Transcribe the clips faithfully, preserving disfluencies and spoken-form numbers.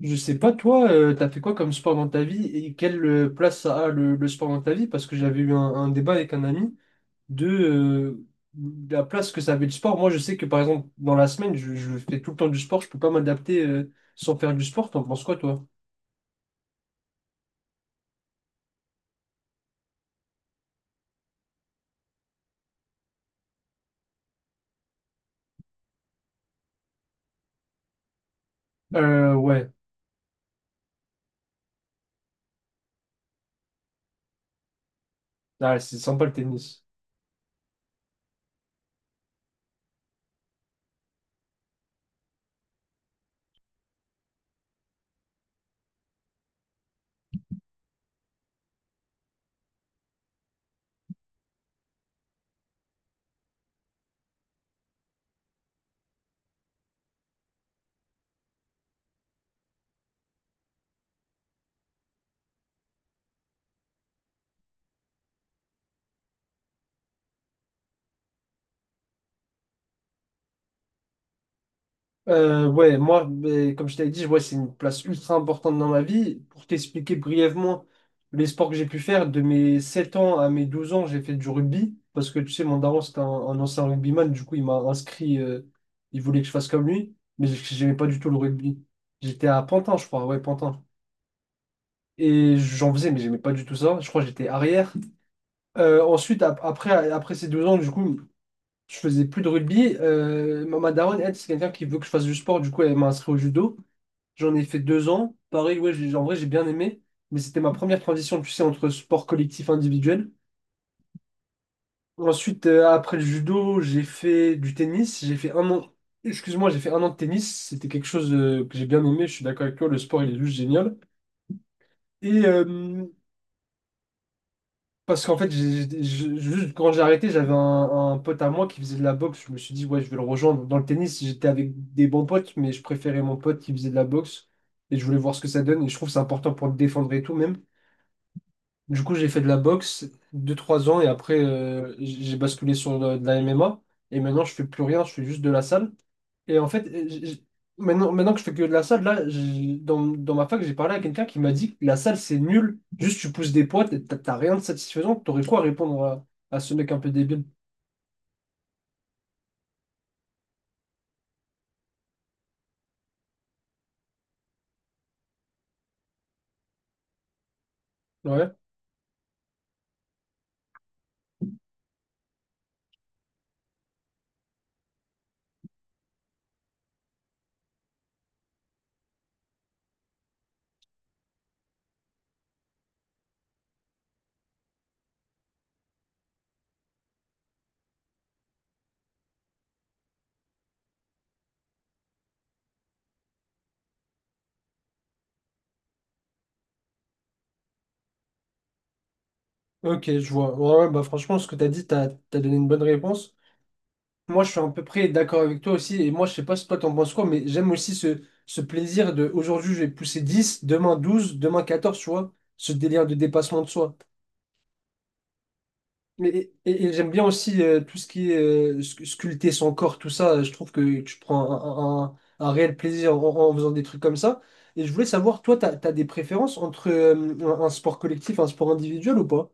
Je sais pas, toi, euh, t'as fait quoi comme sport dans ta vie et quelle euh, place ça a le, le sport dans ta vie? Parce que j'avais eu un, un débat avec un ami de euh, la place que ça avait le sport. Moi, je sais que par exemple, dans la semaine, je, je fais tout le temps du sport, je peux pas m'adapter euh, sans faire du sport. T'en penses quoi, toi? Euh, ouais. Ah, c'est sympa le tennis. Euh, ouais, moi, ben, comme je t'avais dit, ouais, c'est une place ultra importante dans ma vie. Pour t'expliquer brièvement les sports que j'ai pu faire, de mes sept ans à mes douze ans, j'ai fait du rugby. Parce que tu sais, mon daron, c'était un, un ancien rugbyman. Du coup, il m'a inscrit. Euh, il voulait que je fasse comme lui. Mais j- j'aimais pas du tout le rugby. J'étais à Pantin, je crois. Ouais, Pantin. Et j'en faisais, mais j'aimais pas du tout ça. Je crois que j'étais arrière. Euh, ensuite, ap- après, après ces deux ans, du coup, je faisais plus de rugby. Euh, ma ma daronne, elle, c'est quelqu'un qui veut que je fasse du sport. Du coup, elle m'a inscrit au judo. J'en ai fait deux ans. Pareil, ouais, j'ai- en vrai, j'ai bien aimé. Mais c'était ma première transition, tu sais, entre sport collectif et individuel. Ensuite, euh, après le judo, j'ai fait du tennis. J'ai fait un an, excuse-moi, j'ai fait un an de tennis. C'était quelque chose euh, que j'ai bien aimé. Je suis d'accord avec toi, le sport, il est juste génial. Et euh, parce qu'en fait, j'ai- j'ai- j'ai- juste quand j'ai arrêté, j'avais un, un pote à moi qui faisait de la boxe. Je me suis dit, ouais, je vais le rejoindre. Dans le tennis, j'étais avec des bons potes, mais je préférais mon pote qui faisait de la boxe. Et je voulais voir ce que ça donne. Et je trouve que c'est important pour te défendre et tout, même. Du coup, j'ai fait de la boxe deux trois ans et après, euh, j- j'ai basculé sur de, de la M M A. Et maintenant, je fais plus rien, je fais juste de la salle. Et en fait, euh, j- j- maintenant, maintenant que je fais que de la salle, là, j- dans, dans ma fac, j'ai parlé à quelqu'un qui m'a dit que la salle, c'est nul. Juste, tu pousses des poids, t'as t'as rien de satisfaisant. T'aurais quoi à répondre à, à ce mec un peu débile? Ouais. Ok, je vois. Ouais, ouais, bah franchement, ce que t'as dit, t'as, t'as donné une bonne réponse. Moi, je suis à peu près d'accord avec toi aussi. Et moi, je sais pas si toi, t'en penses quoi, mais j'aime aussi ce, ce plaisir de aujourd'hui, je vais pousser dix. Demain douze. Demain quatorze. Tu vois, ce délire de dépassement de soi. Mais, et, et- et j'aime bien aussi euh, tout ce qui est euh, sc- sculpter son corps, tout ça. Je trouve que tu prends un, un- un- un réel plaisir en, en faisant des trucs comme ça. Et je voulais savoir, toi, t'as, t'as des préférences entre euh, un un sport collectif, un sport individuel ou pas?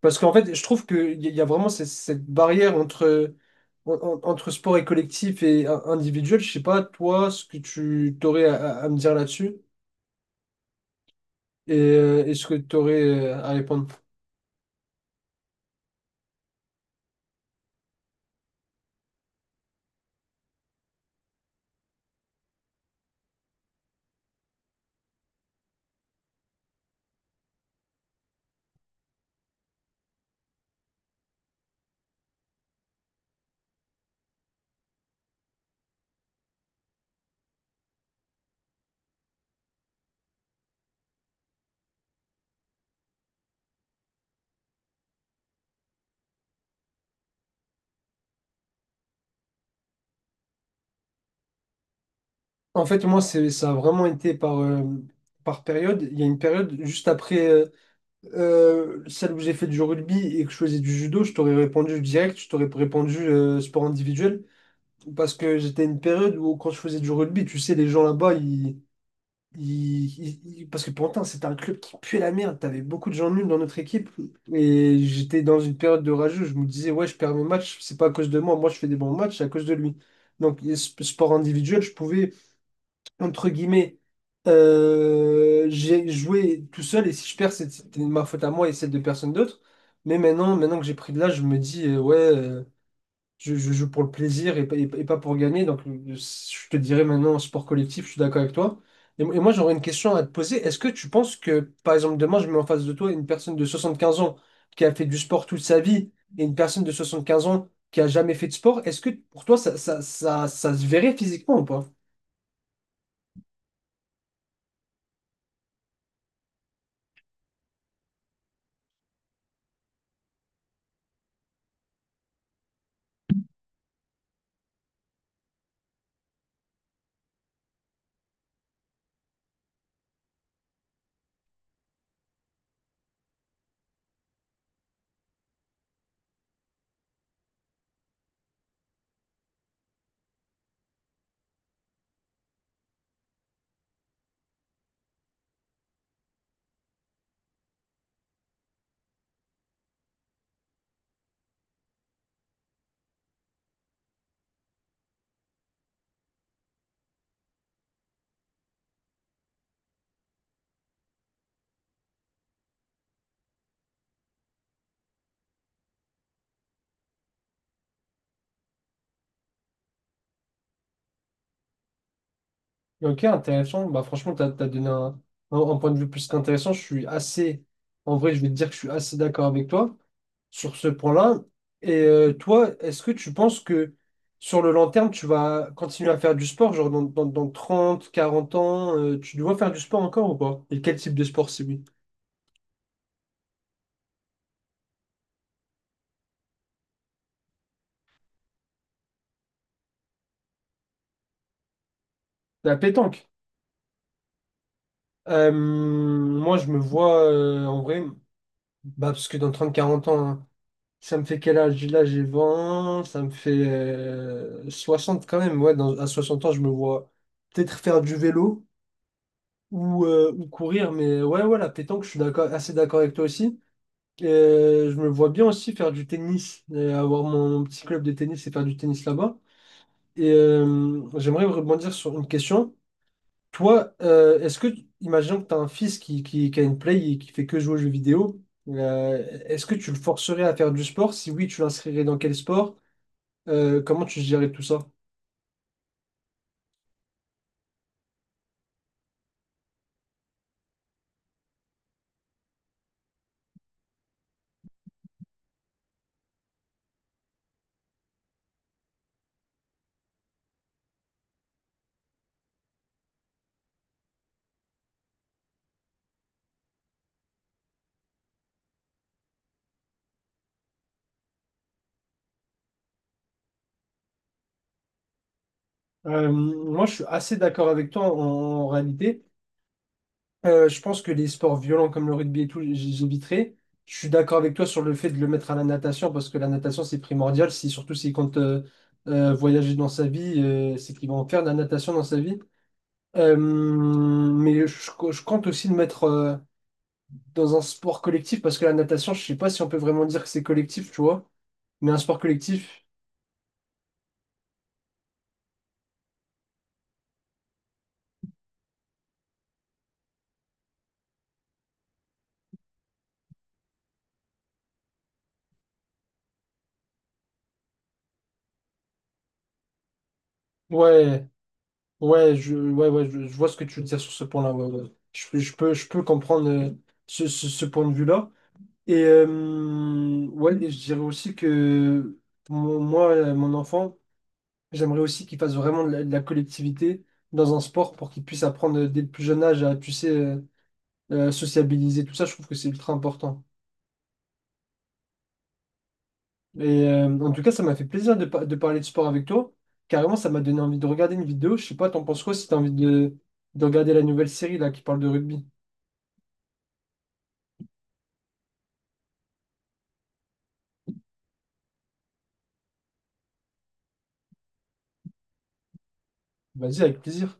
Parce qu'en fait, je trouve qu'il y y a vraiment cette, cette barrière entre, en- en- entre sport et collectif et in- individuel. Je sais pas, toi, ce que tu t'aurais à, à- à me dire là-dessus et, euh, et ce que tu aurais à répondre. En fait, moi, c'est, ça a vraiment été par, euh, par période. Il y a une période juste après euh, euh, celle où j'ai fait du rugby et que je faisais du judo, je t'aurais répondu direct, je t'aurais répondu euh, sport individuel. Parce que j'étais à une période où quand je faisais du rugby, tu sais, les gens là-bas, ils il- il- il- parce que pourtant c'était un club qui puait la merde. T'avais beaucoup de gens nuls dans notre équipe. Et j'étais dans une période de rageux. Je me disais, ouais, je perds mes matchs. C'est pas à cause de moi. Moi, je fais des bons matchs, c'est à cause de lui. Donc, et sp- sport individuel, je pouvais, entre guillemets, euh, j'ai joué tout seul. Et si je perds, c'est- c'était ma faute à moi et celle de personne d'autre. Mais maintenant, maintenant que j'ai pris de l'âge, je me dis, euh, ouais. euh, je, je joue pour le plaisir et, pas et pas- et pas pour gagner. Donc, le- le- je te dirais maintenant, sport collectif, je suis d'accord avec toi. Et, mo- et moi, j'aurais une question à te poser. Est-ce que tu penses que, par exemple, demain, je mets en face de toi une personne de soixante-quinze ans qui a fait du sport toute sa vie et une personne de soixante-quinze ans qui a jamais fait de sport, est-ce que pour toi, ça, ça, ça, ça se verrait physiquement ou pas? Ok, intéressant. Bah, franchement, tu as, donné un, un- un point de vue plus qu'intéressant. Je suis assez, en vrai, je vais te dire que je suis assez d'accord avec toi sur ce point-là. Et euh, toi, est-ce que tu penses que sur le long terme, tu vas continuer à faire du sport, genre dans, dans, dans trente quarante ans, euh, tu dois faire du sport encore ou pas? Et quel type de sport, si oui? La pétanque. Euh, moi, je me vois euh, en vrai, bah, parce que dans trente quarante ans, hein, ça me fait quel âge? Là, j'ai vingt ça me fait euh, soixante quand même. Ouais, dans- à soixante ans, je me vois peut-être faire du vélo ou, euh, ou courir, mais ouais, ouais, la pétanque, je suis d'accord, assez d'accord avec toi aussi. Euh, je me vois bien aussi faire du tennis, euh, avoir mon, mon petit club de tennis et faire du tennis là-bas. Et euh, j'aimerais rebondir sur une question. Toi, euh, est-ce que, imaginons que tu as un fils qui, qui, qui a une play et qui fait que jouer aux jeux vidéo, euh, est-ce que tu le forcerais à faire du sport? Si oui, tu l'inscrirais dans quel sport? Euh, comment tu gérerais tout ça? Euh, moi, je suis assez d'accord avec toi en, en réalité. Euh, je pense que les sports violents comme le rugby et tout, j- j'éviterai. Je suis d'accord avec toi sur le fait de le mettre à la natation parce que la natation, c'est primordial. Si, surtout s'il compte euh, euh, voyager dans sa vie, euh, c'est qu'il va en faire de la natation dans sa vie. Euh, mais je, je compte aussi le mettre euh, dans un sport collectif parce que la natation, je sais pas si on peut vraiment dire que c'est collectif, tu vois. Mais un sport collectif, ouais, ouais, je, ouais, ouais, je, je vois ce que tu veux dire sur ce point-là. Ouais, ouais. Je, je peux, je peux comprendre euh, ce, ce ce point de vue-là. Et euh, ouais, et je dirais aussi que mon- moi, euh, mon enfant, j'aimerais aussi qu'il fasse vraiment de la, de la collectivité dans un sport pour qu'il puisse apprendre dès le plus jeune âge à, tu sais, euh, euh, sociabiliser, tout ça, je trouve que c'est ultra important. Et euh, en tout cas, ça m'a fait plaisir de, par- de parler de sport avec toi. Carrément, ça m'a donné envie de regarder une vidéo. Je sais pas, t'en penses quoi si t'as envie de, de regarder la nouvelle série là qui parle de rugby? Vas-y, avec plaisir.